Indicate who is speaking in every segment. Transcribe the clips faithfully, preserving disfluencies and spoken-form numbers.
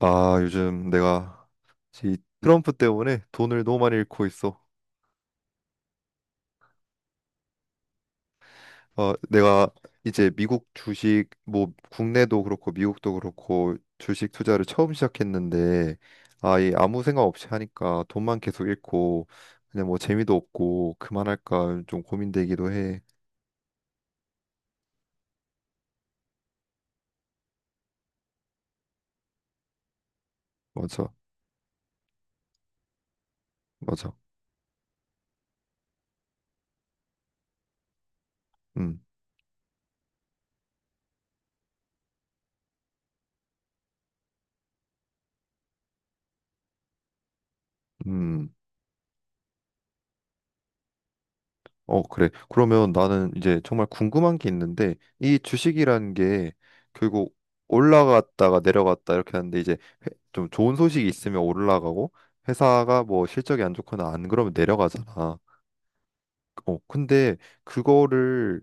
Speaker 1: 아, 요즘 내가 이 트럼프 때문에 돈을 너무 많이 잃고 있어. 어, 내가 이제 미국 주식, 뭐 국내도 그렇고 미국도 그렇고 주식 투자를 처음 시작했는데, 아, 이 아무 생각 없이 하니까 돈만 계속 잃고 그냥 뭐 재미도 없고 그만할까 좀 고민되기도 해. 맞아, 맞아. 음, 음. 어, 그래. 그러면 나는 이제 정말 궁금한 게 있는데, 이 주식이라는 게 결국 올라갔다가 내려갔다 이렇게 하는데, 이제 회- 좀 좋은 소식이 있으면 올라가고, 회사가 뭐 실적이 안 좋거나 안 그러면 내려가잖아. 어, 근데 그거를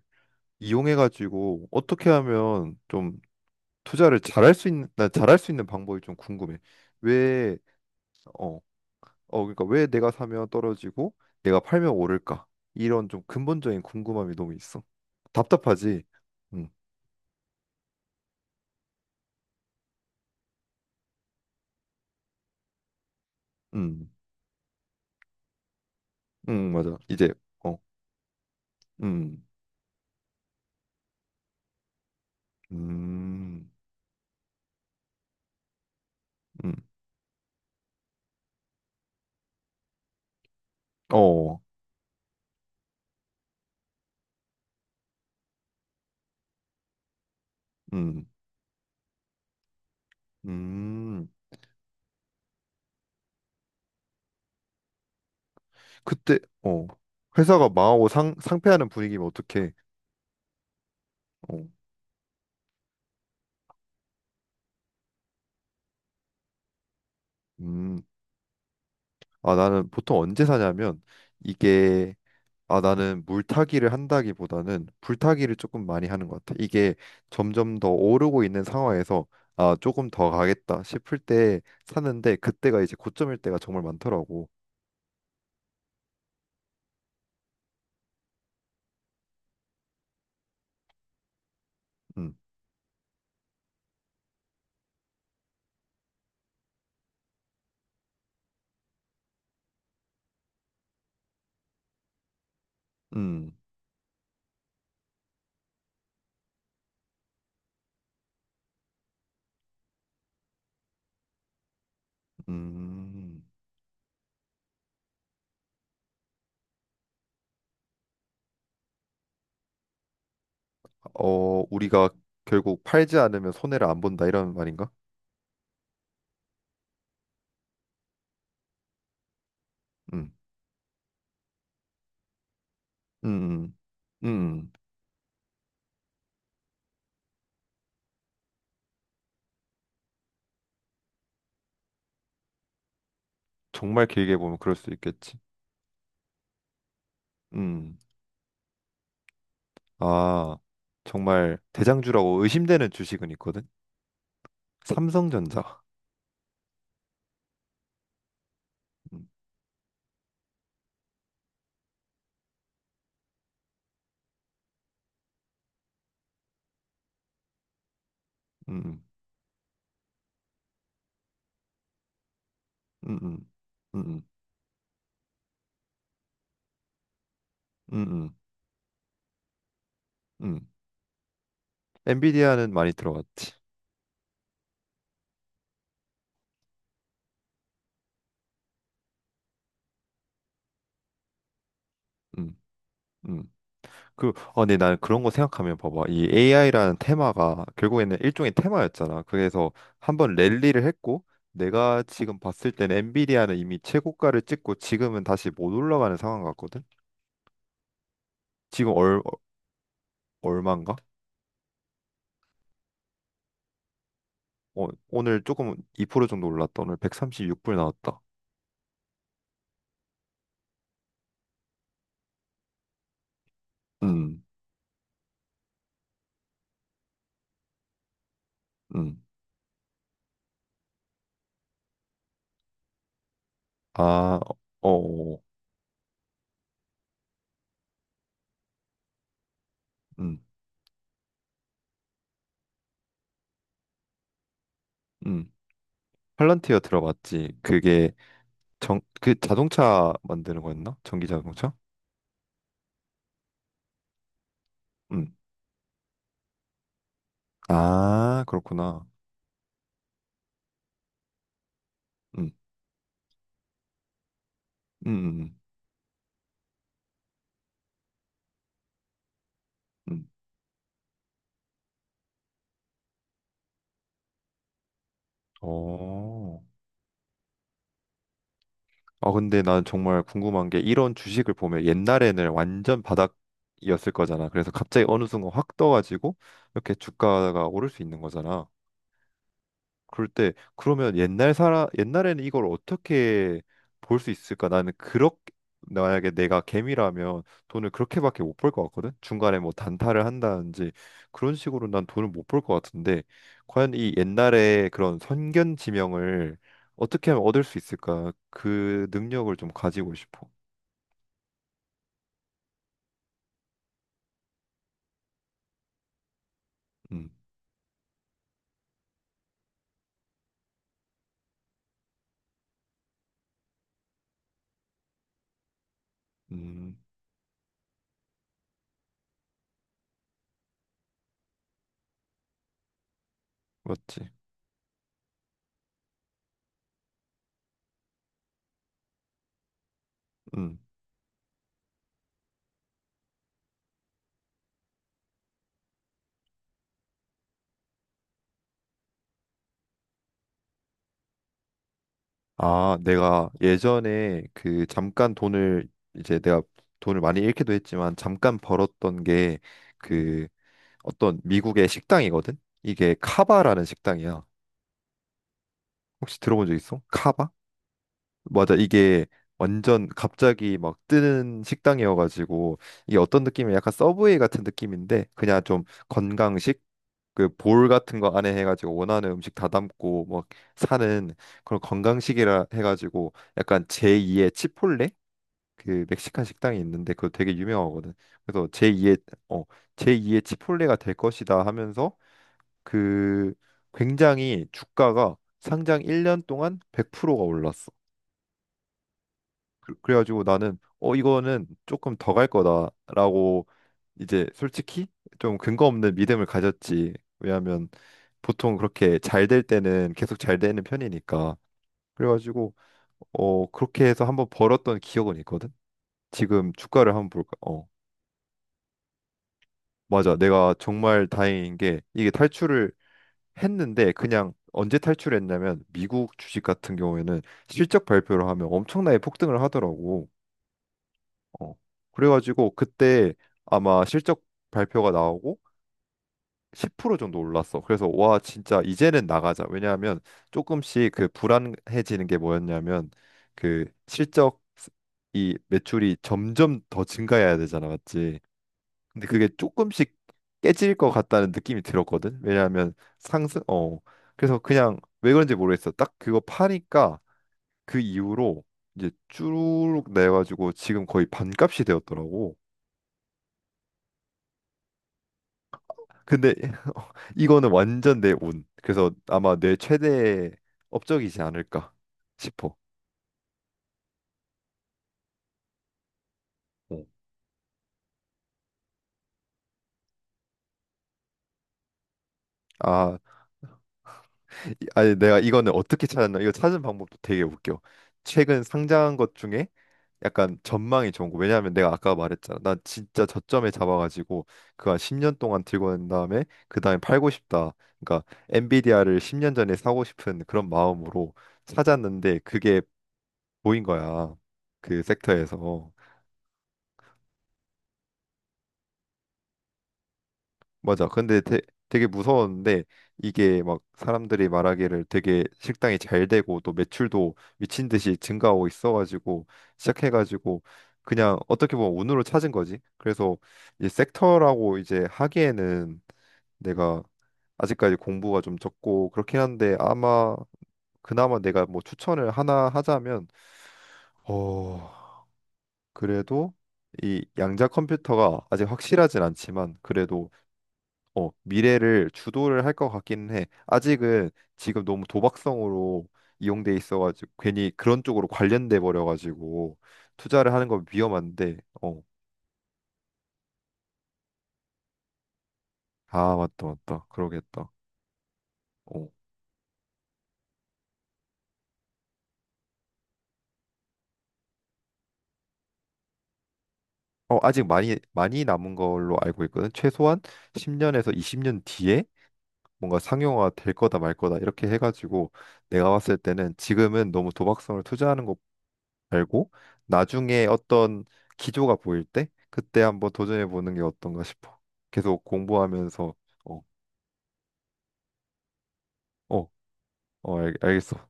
Speaker 1: 이용해가지고 어떻게 하면 좀 투자를 잘할 수 있는, 나 잘할 수 있는 방법이 좀 궁금해. 왜, 어 어, 그러니까 왜 내가 사면 떨어지고 내가 팔면 오를까? 이런 좀 근본적인 궁금함이 너무 있어. 답답하지? 음, 음, 음, 맞아. 이제, 어, 음, 음, 음, 어, 음, 음. 그때, 어, 회사가 망하고 상, 상패하는 분위기면 어떡해? 어, 음. 아, 나는 보통 언제 사냐면 이게 아, 나는 물타기를 한다기보다는 불타기를 조금 많이 하는 것 같아. 이게 점점 더 오르고 있는 상황에서 아, 조금 더 가겠다 싶을 때 사는데 그때가 이제 고점일 때가 정말 많더라고. 음, 음, 음. 어, 우리가 결국 팔지 않으면 손해를 안 본다 이런 말인가? 음, 음, 음. 음. 정말 길게 보면 그럴 수 있겠지. 음, 아, 정말 대장주라고 의심되는 주식은 있거든. 삼성전자. 음. 음. 음, 음, 음, 음, 음, 음, 음. 엔비디아는 많이 들어갔지. 음, 음. 그, 어, 근데 난 그런 거 생각하면 봐봐. 이 에이아이라는 테마가 결국에는 일종의 테마였잖아. 그래서 한번 랠리를 했고, 내가 지금 봤을 때는 엔비디아는 이미 최고가를 찍고 지금은 다시 못 올라가는 상황 같거든. 지금 얼, 어, 얼마인가? 어, 오늘 조금 이 퍼센트 정도 올랐다. 오늘 백삼십육 불 나왔다. 음, 음. 아, 어, 어, 어. 음, 음. 팔런티어 들어봤지. 그게 정, 그 자동차 만드는 거였나? 전기 자동차? 음. 아, 그렇구나. 음. 음. 음. 음. 어. 아, 근데 난 정말 궁금한 게 이런 주식을 보면 옛날에는 완전 바닥이었을 거잖아. 그래서 갑자기 어느 순간 확 떠가지고 이렇게 주가가 오를 수 있는 거잖아. 그럴 때 그러면 옛날 사람 옛날에는 이걸 어떻게 볼 수 있을까? 나는 그렇게 만약에 내가 개미라면 돈을 그렇게밖에 못 벌 것 같거든. 중간에 뭐 단타를 한다든지 그런 식으로 난 돈을 못 벌 것 같은데 과연 이 옛날에 그런 선견 지명을 어떻게 하면 얻을 수 있을까? 그 능력을 좀 가지고 싶어. 음, 음, 맞지. 음. 아, 내가 예전에 그 잠깐 돈을 이제 내가 돈을 많이 잃기도 했지만 잠깐 벌었던 게 그 어떤 미국의 식당이거든? 이게 카바라는 식당이야. 혹시 들어본 적 있어? 카바? 맞아. 이게 완전 갑자기 막 뜨는 식당이어가지고 이게 어떤 느낌이야? 약간 서브웨이 같은 느낌인데 그냥 좀 건강식 그 볼 같은 거 안에 해가지고 원하는 음식 다 담고 막 사는 그런 건강식이라 해가지고 약간 제이의 치폴레 그 멕시칸 식당이 있는데 그거 되게 유명하거든. 그래서 제이의 어 제이의 치폴레가 될 것이다 하면서 그 굉장히 주가가 상장 일 년 동안 백 퍼센트가 올랐어. 그- 그래가지고 나는 어 이거는 조금 더 갈 거다라고 이제 솔직히 좀 근거 없는 믿음을 가졌지. 왜냐하면 보통 그렇게 잘 될 때는 계속 잘 되는 편이니까. 그래가지고 어 그렇게 해서 한번 벌었던 기억은 있거든. 지금 주가를 한번 볼까? 어 맞아. 내가 정말 다행인 게 이게 탈출을 했는데 그냥 언제 탈출했냐면 미국 주식 같은 경우에는 실적 발표를 하면 엄청나게 폭등을 하더라고. 어. 그래가지고 그때 아마 실적 발표가 나오고 십 퍼센트 정도 올랐어. 그래서 와 진짜 이제는 나가자. 왜냐하면 조금씩 그 불안해지는 게 뭐였냐면 그 실적 이 매출이 점점 더 증가해야 되잖아, 맞지? 근데 그게 조금씩 깨질 것 같다는 느낌이 들었거든. 왜냐하면 상승 어 그래서 그냥 왜 그런지 모르겠어. 딱 그거 파니까 그 이후로 이제 쭉 내가지고 지금 거의 반값이 되었더라고. 근데 이거는 완전 내 운. 그래서 아마 내 최대 업적이지 않을까 싶어. 어, 아, 이- 아니 내가 이거는 어떻게 찾았나? 이거 찾은 방법도 되게 웃겨. 최근 상장한 것 중에 약간 전망이 좋은 거. 왜냐하면 내가 아까 말했잖아. 나 진짜 저점에 잡아가지고 그 한 십 년 동안 들고 난 다음에 그 다음에 팔고 싶다. 그러니까 엔비디아를 십 년 전에 사고 싶은 그런 마음으로 찾았는데 그게 보인 거야. 그 섹터에서. 맞아. 근데 되, 되게 무서웠는데 이게 막 사람들이 말하기를 되게 식당이 잘 되고 또 매출도 미친 듯이 증가하고 있어가지고 시작해가지고 그냥 어떻게 보면 운으로 찾은 거지. 그래서 이 섹터라고 이제 하기에는 내가 아직까지 공부가 좀 적고 그렇긴 한데 아마 그나마 내가 뭐 추천을 하나 하자면 어 그래도 이 양자 컴퓨터가 아직 확실하진 않지만 그래도 어, 미래를 주도를 할 것 같기는 해. 아직은 지금 너무 도박성으로 이용돼 있어가지고 괜히 그런 쪽으로 관련돼 버려가지고 투자를 하는 건 위험한데, 어, 아 맞다 맞다 그러겠다. 어, 어 아직 많이 많이 남은 걸로 알고 있거든. 최소한 십 년에서 이십 년 뒤에 뭔가 상용화 될 거다 말 거다 이렇게 해가지고 내가 봤을 때는 지금은 너무 도박성을 투자하는 알고 나중에 어떤 기조가 보일 때 그때 한번 도전해 보는 게 어떤가 싶어. 계속 공부하면서 어, 어, 어, 알, 겠어.